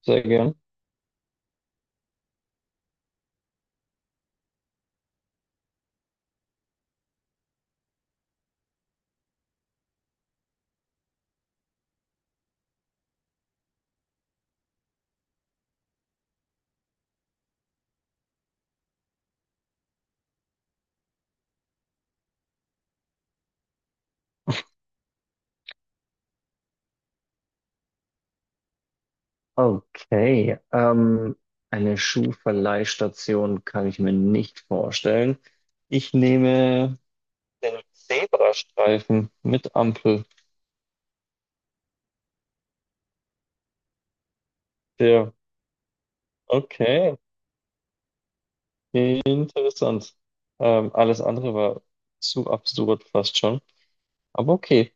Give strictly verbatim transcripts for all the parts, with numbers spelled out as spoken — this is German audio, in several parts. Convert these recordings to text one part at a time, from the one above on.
Sehr gern. Okay, ähm, eine Schuhverleihstation kann ich mir nicht vorstellen. Ich nehme den Zebrastreifen mit Ampel. Ja, okay. Interessant. Ähm, alles andere war zu absurd fast schon. Aber okay,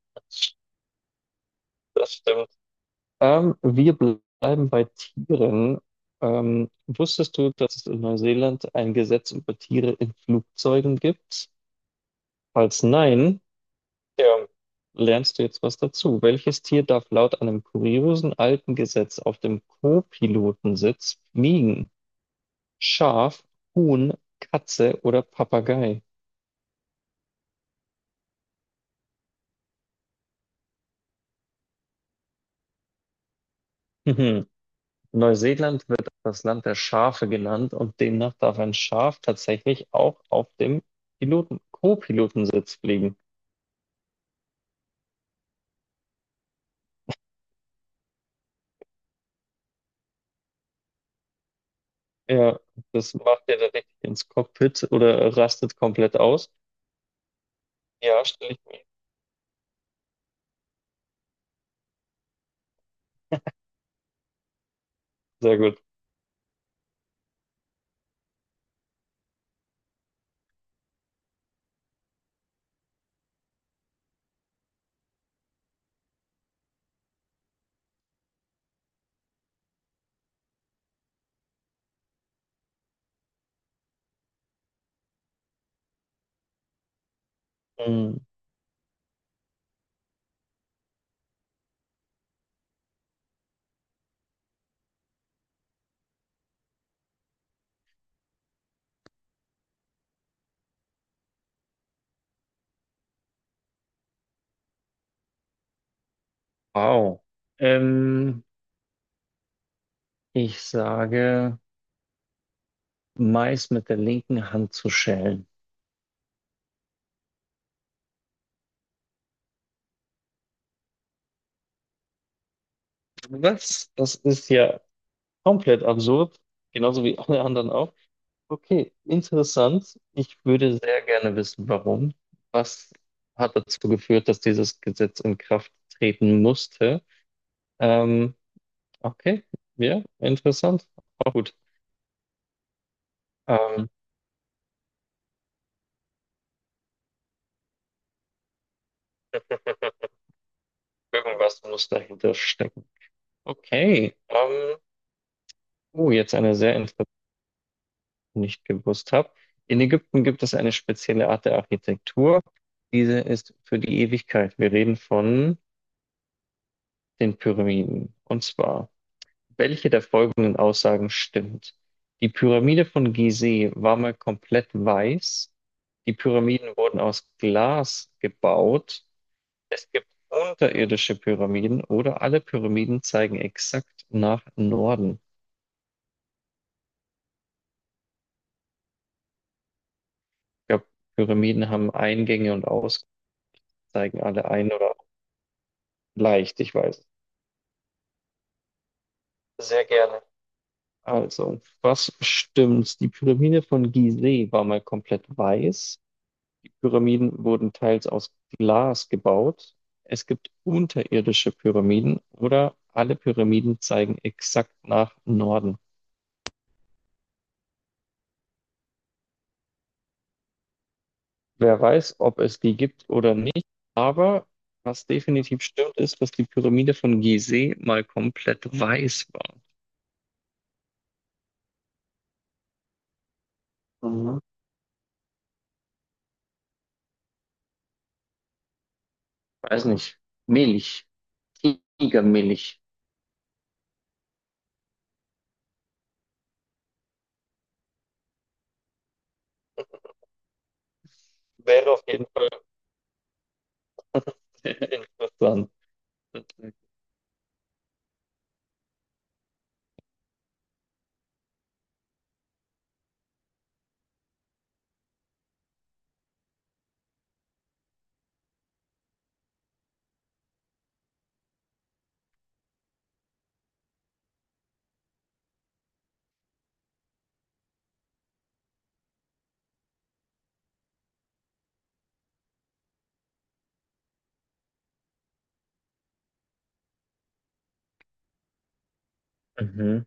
das stimmt. Ähm, wir bleiben bei Tieren. Ähm, wusstest du, dass es in Neuseeland ein Gesetz über Tiere in Flugzeugen gibt? Falls nein, ja, lernst du jetzt was dazu. Welches Tier darf laut einem kuriosen alten Gesetz auf dem Co-Pilotensitz fliegen? Schaf, Huhn, Katze oder Papagei? Mhm. Neuseeland wird das Land der Schafe genannt und demnach darf ein Schaf tatsächlich auch auf dem Piloten Co-Pilotensitz fliegen. Ja, das macht ihr dann richtig ins Cockpit oder rastet komplett aus. Ja, stelle ich mir. Sehr gut. Mhm. Wow. Ähm, ich sage, Mais mit der linken Hand zu schälen. Was? Das ist ja komplett absurd. Genauso wie alle anderen auch. Okay, interessant. Ich würde sehr gerne wissen, warum. Was hat dazu geführt, dass dieses Gesetz in Kraft treten musste? Ähm, okay, ja, interessant. Auch gut. Ähm, irgendwas muss dahinter stecken. Okay. Ähm, oh, jetzt eine sehr interessante. Nicht gewusst habe. In Ägypten gibt es eine spezielle Art der Architektur. Diese ist für die Ewigkeit. Wir reden von den Pyramiden. Und zwar, welche der folgenden Aussagen stimmt? Die Pyramide von Gizeh war mal komplett weiß. Die Pyramiden wurden aus Glas gebaut. Es gibt unterirdische Pyramiden oder alle Pyramiden zeigen exakt nach Norden. Ich glaube, Pyramiden haben Eingänge und Ausgänge, zeigen alle ein oder leicht, ich weiß. Sehr gerne. Also, was stimmt? Die Pyramide von Gizeh war mal komplett weiß. Die Pyramiden wurden teils aus Glas gebaut. Es gibt unterirdische Pyramiden oder alle Pyramiden zeigen exakt nach Norden. Wer weiß, ob es die gibt oder nicht, aber was definitiv stimmt, ist, dass die Pyramide von Gizeh mal komplett weiß war. Mhm. Weiß nicht. Milch. Tigermilch. Wäre auf jeden Fall interessant. Sozusagen. Mhm.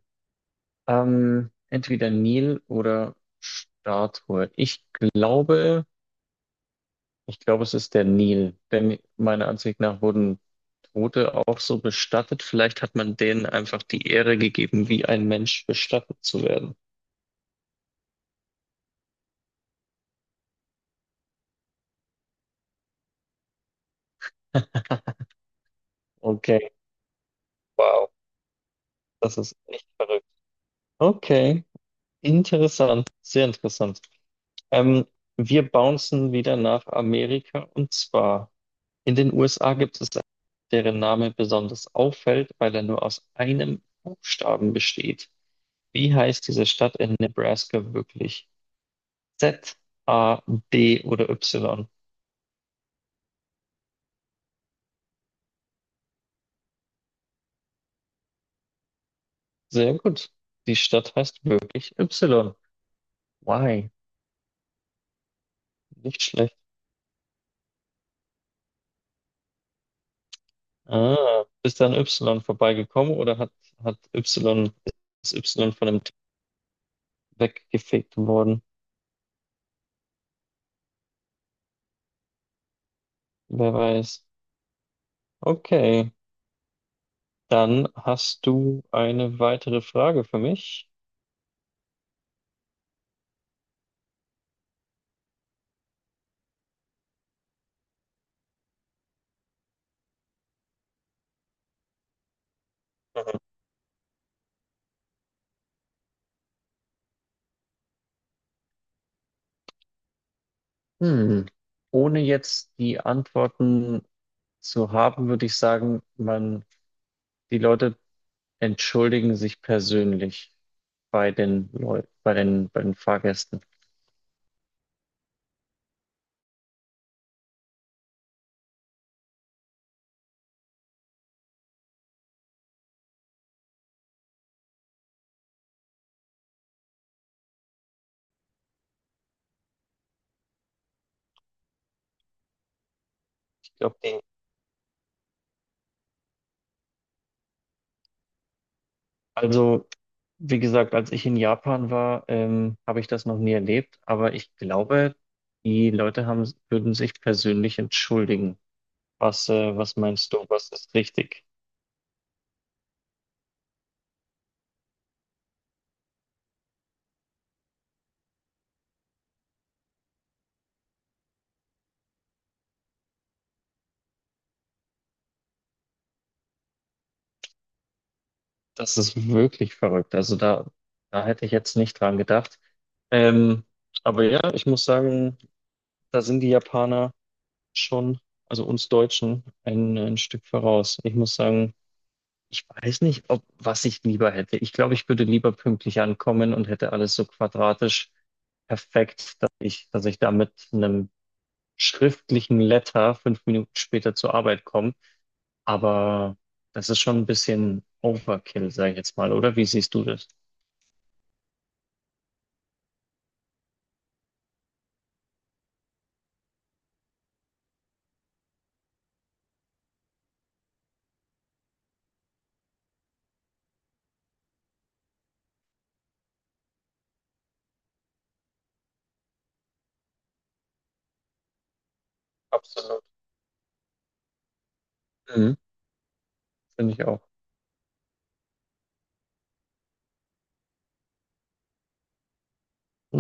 Ähm, entweder Nil oder Statue. Ich glaube, ich glaube, es ist der Nil, denn meiner Ansicht nach wurden Tote auch so bestattet. Vielleicht hat man denen einfach die Ehre gegeben, wie ein Mensch bestattet zu werden. Okay, wow, das ist echt verrückt. Okay, interessant, sehr interessant. Ähm, wir bouncen wieder nach Amerika und zwar. In den U S A gibt es einen, deren Name besonders auffällt, weil er nur aus einem Buchstaben besteht. Wie heißt diese Stadt in Nebraska wirklich? Z, A, D oder Y? Sehr gut. Die Stadt heißt wirklich Y. Why? Nicht schlecht. Ah, bist du an Y vorbeigekommen oder hat, hat Y, ist Y von dem T weggefegt worden? Wer weiß. Okay, dann hast du eine weitere Frage für mich. Hm. Ohne jetzt die Antworten zu haben, würde ich sagen, man, die Leute entschuldigen sich persönlich bei den Leuten, bei den, bei den Fahrgästen. Ich glaube, die, also, wie gesagt, als ich in Japan war, ähm, habe ich das noch nie erlebt, aber ich glaube, die Leute haben, würden sich persönlich entschuldigen. Was, äh, was meinst du, was ist richtig? Das ist wirklich verrückt. Also da, da hätte ich jetzt nicht dran gedacht. Ähm, aber ja, ich muss sagen, da sind die Japaner schon, also uns Deutschen, ein, ein Stück voraus. Ich muss sagen, ich weiß nicht, ob was ich lieber hätte. Ich glaube, ich würde lieber pünktlich ankommen und hätte alles so quadratisch perfekt, dass ich, dass ich da mit einem schriftlichen Letter fünf Minuten später zur Arbeit komme. Aber das ist schon ein bisschen Overkill, sage ich jetzt mal, oder? Wie siehst du das? Absolut. Mhm. Finde ich auch. Ne?